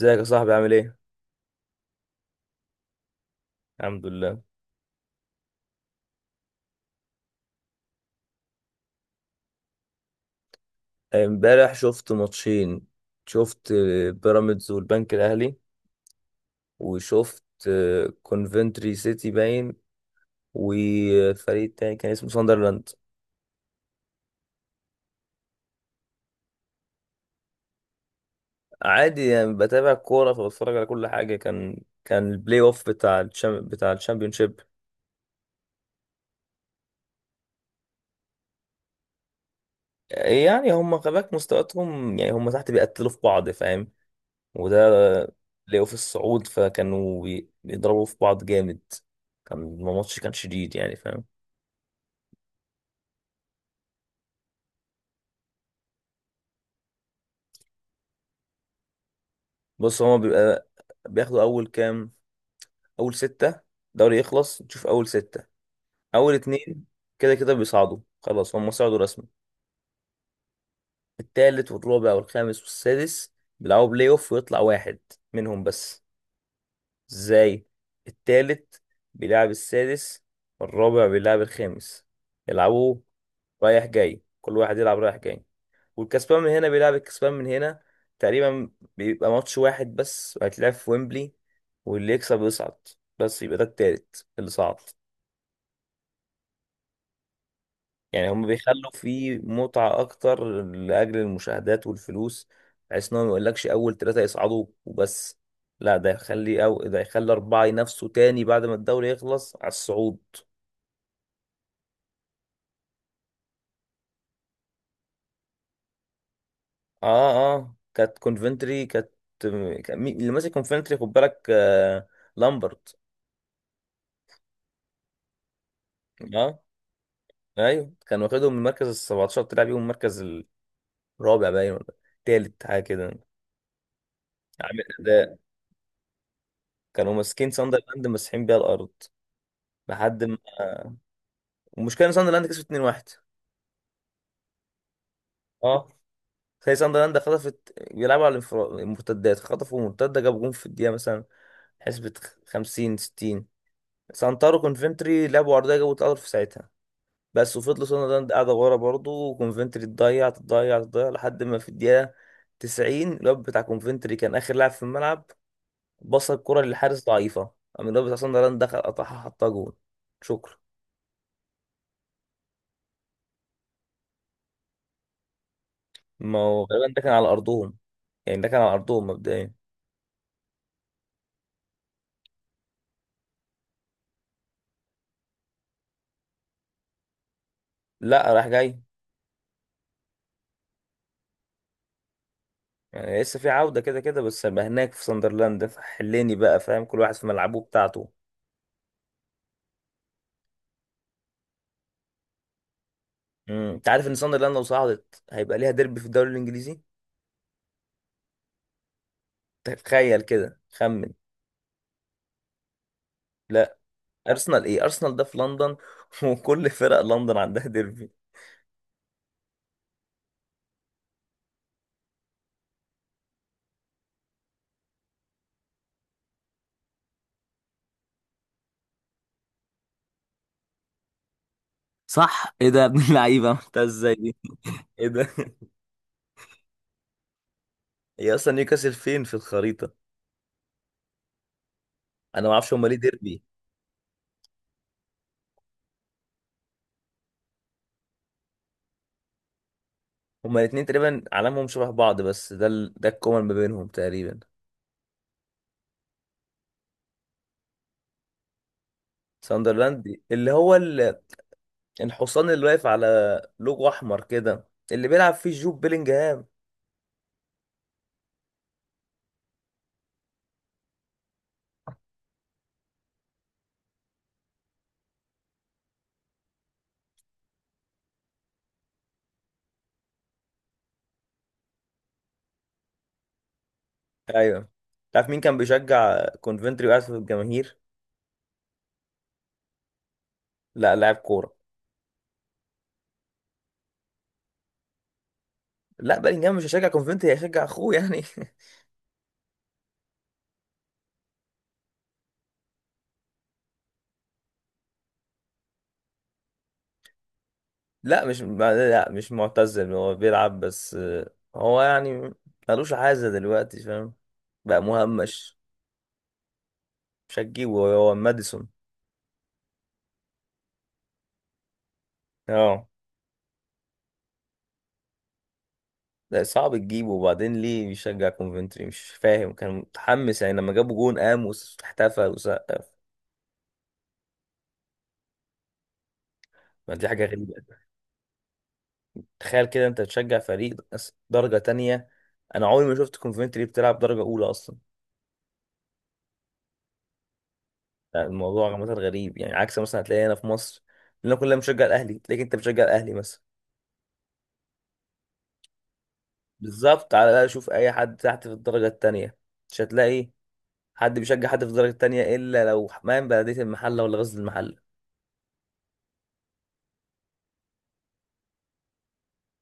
ازيك يا صاحبي، عامل ايه؟ الحمد لله. امبارح شفت ماتشين. شفت بيراميدز والبنك الاهلي. وشفت كونفنتري سيتي باين. وفريق تاني كان اسمه ساندرلاند. عادي، يعني بتابع كورة فبتفرج على كل حاجة. كان البلاي اوف بتاع الشام بتاع الشامبيونشيب. يعني هم خباك مستوياتهم، يعني هم تحت بيقتلوا في بعض، فاهم. وده بلاي اوف الصعود، فكانوا بيضربوا في بعض جامد. كان الماتش كان شديد، يعني فاهم. بص، هما بيبقى بياخدوا اول كام، اول ستة. دوري يخلص تشوف اول ستة، اول اتنين كده كده بيصعدوا خلاص، هما صعدوا رسمي. التالت والرابع والخامس والسادس بيلعبوا بلاي اوف ويطلع واحد منهم بس. ازاي؟ التالت بيلعب السادس، والرابع بيلعب الخامس. يلعبوا رايح جاي، كل واحد يلعب رايح جاي. والكسبان من هنا بيلعب الكسبان من هنا تقريبا. بيبقى ماتش واحد بس هيتلعب في ويمبلي، واللي يكسب يصعد. بس يبقى ده التالت اللي صعد. يعني هم بيخلوا فيه متعة أكتر لأجل المشاهدات والفلوس، بحيث إنهم ميقولكش أول تلاتة يصعدوا وبس، لا ده يخلي أو ده يخلي أربعة ينافسوا تاني بعد ما الدوري يخلص على الصعود. آه، آه. كانت كونفنتري كانت، كان اللي ماسك كونفنتري، خد بالك؟ آه، لامبرت. اه، ايوه، كان واخدهم من المركز ال 17، طلع بيهم المركز الرابع باين، ولا التالت، حاجه كده. عامل اداء. كانوا ماسكين ساندرلاند مسحين بيها الارض لحد ما. والمشكله ان ساندرلاند كسبت 2-1. اه، زي ساندرلاند خطفت، بيلعبوا على المرتدات. خطفوا مرتده، جابوا جون في الدقيقه مثلا، حسبة 50 60. سانتارو كونفنتري لعبوا عرضيه، جابوا اتقدر في ساعتها بس. وفضلوا ساندرلاند قاعده ورا برضه، وكونفنتري تضيع تضيع تضيع لحد ما في الدقيقه 90 الواد بتاع كونفنتري كان اخر لاعب في الملعب. بص الكرة للحارس ضعيفة، قام الواد بتاع صن دخل قطعها حطها جون. شكرا. ما هو غالبا ده كان على أرضهم. يعني ده كان على أرضهم مبدئيا. لا، راح جاي. يعني لسه في عودة كده كده، بس هيبقى هناك في ساندرلاند، حليني بقى، فاهم؟ كل واحد في ملعبه بتاعته. انت عارف ان ساندرلاند لو صعدت هيبقى ليها ديربي في الدوري الانجليزي؟ تخيل كده، خمن. لا. ارسنال ايه؟ ارسنال ده في لندن، وكل فرق لندن عندها ديربي. صح. ايه ده يا ابن اللعيبه، عملتها ازاي دي؟ ايه ده؟ هي اصلا نيوكاسل فين في الخريطة؟ انا ما اعرفش هما ليه ديربي. هما الاثنين تقريبا علامهم شبه بعض، بس ده الكومن ما بينهم تقريبا. ساندرلاند اللي هو الحصان اللي واقف على لوجو احمر كده، اللي بيلعب فيه جوب بيلينجهام. ايوه. تعرف مين كان بيشجع كونفنتري وقاعد في الجماهير؟ لا، لاعب كوره. لا، بيلينجهام مش هيشجع كونفنتري، هيشجع اخوه يعني. لا، مش معتزل، هو بيلعب بس هو يعني ملوش عازة دلوقتي، فاهم؟ بقى مهمش. مش هتجيبه، هو ماديسون. اه، لا، صعب تجيبه، وبعدين ليه بيشجع كونفنتري مش فاهم، كان متحمس يعني لما جابوا جون قام واحتفل وسقف. ما دي حاجة غريبة. تخيل كده انت تشجع فريق درجة تانية. انا عمري ما شفت كونفنتري بتلعب درجة اولى اصلا. يعني الموضوع عامة غريب، يعني عكس مثلا هتلاقي هنا في مصر. لنا كلنا بنشجع الاهلي، تلاقيك انت بتشجع الاهلي مثلا. بالظبط، على الاقل شوف اي حد تحت في الدرجة التانية، مش هتلاقي حد بيشجع حد في الدرجة التانية الا لو حمام بلدية المحلة ولا غزل المحلة.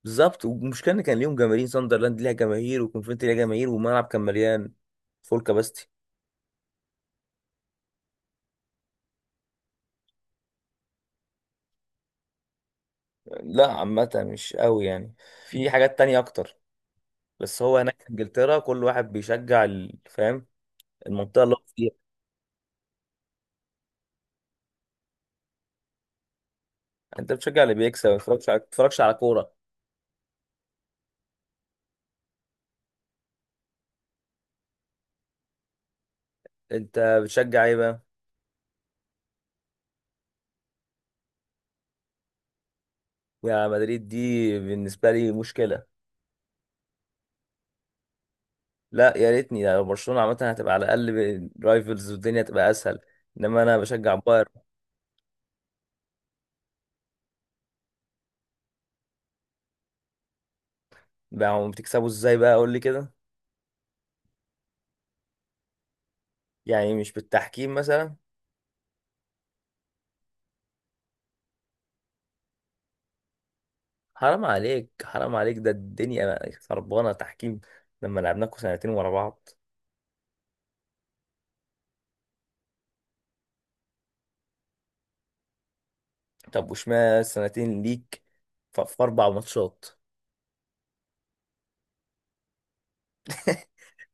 بالظبط. والمشكله ان كان ليهم جماهير، ساندرلاند ليها جماهير وكونفنتي ليها جماهير والملعب كان مليان، فول كاباستي. لا، عامه مش قوي يعني. في حاجات تانية اكتر. بس هو هناك في انجلترا كل واحد بيشجع فاهم؟ المنطقه اللي هو فيها. انت بتشجع اللي بيكسب، ما بتتفرجش على كوره. انت بتشجع ايه بقى؟ يا مدريد دي بالنسبه لي مشكله. لا، يا ريتني لو برشلونه، عامه هتبقى على الاقل رايفلز والدنيا تبقى اسهل. انما انا بشجع بايرن. بقى هم بتكسبوا ازاي بقى؟ قول لي كده. يعني مش بالتحكيم مثلا؟ حرام عليك، حرام عليك، ده الدنيا خربانه تحكيم. لما لعبناكوا سنتين ورا بعض. طب وشمال سنتين ليك، في اربع ماتشات.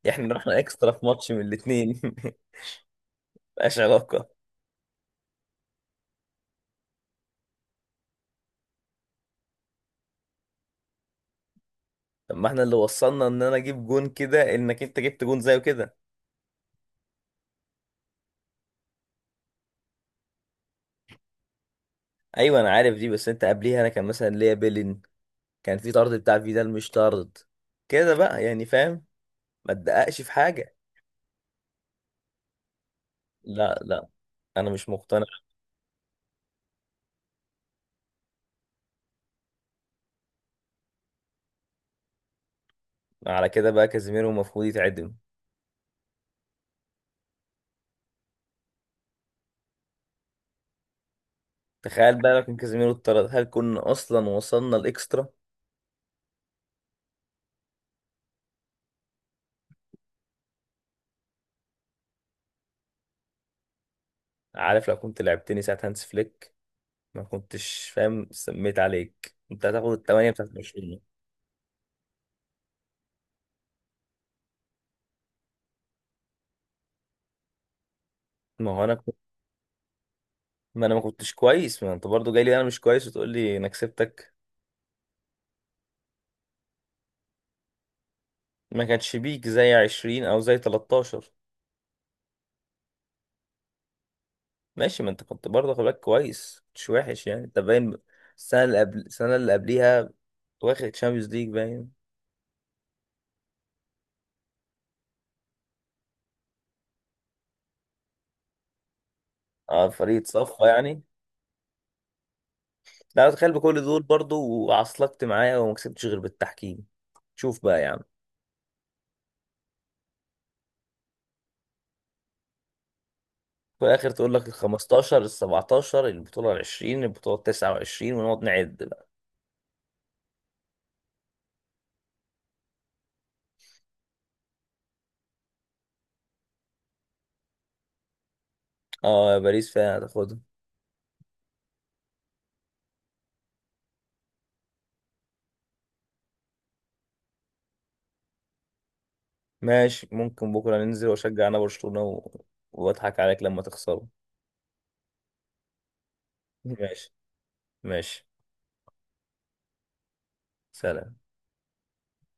احنا رحنا اكسترا في ماتش من الاتنين، مبقاش علاقه. طب ما احنا اللي وصلنا ان انا اجيب جون كده انك انت جبت جون زيه كده. ايوه انا عارف دي، بس انت قبليها انا كان مثلا ليا بيلين، كان في طرد بتاع فيدال، مش طرد كده بقى، يعني فاهم. ما تدققش في حاجه. لا لا، انا مش مقتنع. على كده بقى كازيميرو المفروض يتعدم. تخيل بقى لو كان كازيميرو اتطرد، هل كنا اصلا وصلنا الاكسترا؟ عارف لو كنت لعبتني ساعة هانس فليك، ما كنتش فاهم سميت عليك، انت هتاخد الثمانية بتاعت برشلونة. ما هو انا كنت. ما انا ما كنتش كويس، ما انت برضو جاي لي انا مش كويس وتقول لي انا كسبتك. ما كانش بيك زي 20 او زي 13. ماشي، ما انت كنت برضه، خد بالك، كويس مش وحش يعني، انت باين. السنة اللي قبل السنة اللي قبليها واخد تشامبيونز ليج باين. اه، فريق صفى يعني. لا، تخيل بكل دول برضو وعصلكت معايا وما كسبتش غير بالتحكيم. شوف بقى يا عم. في الاخر تقول لك ال 15 ال 17 البطوله ال 20 البطوله ال 29 ونقعد نعد بقى. اه، يا باريس فعلا هتاخدها. ماشي، ممكن بكره ننزل واشجع انا برشلونه واضحك عليك لما تخسره. ماشي. ماشي. سلام.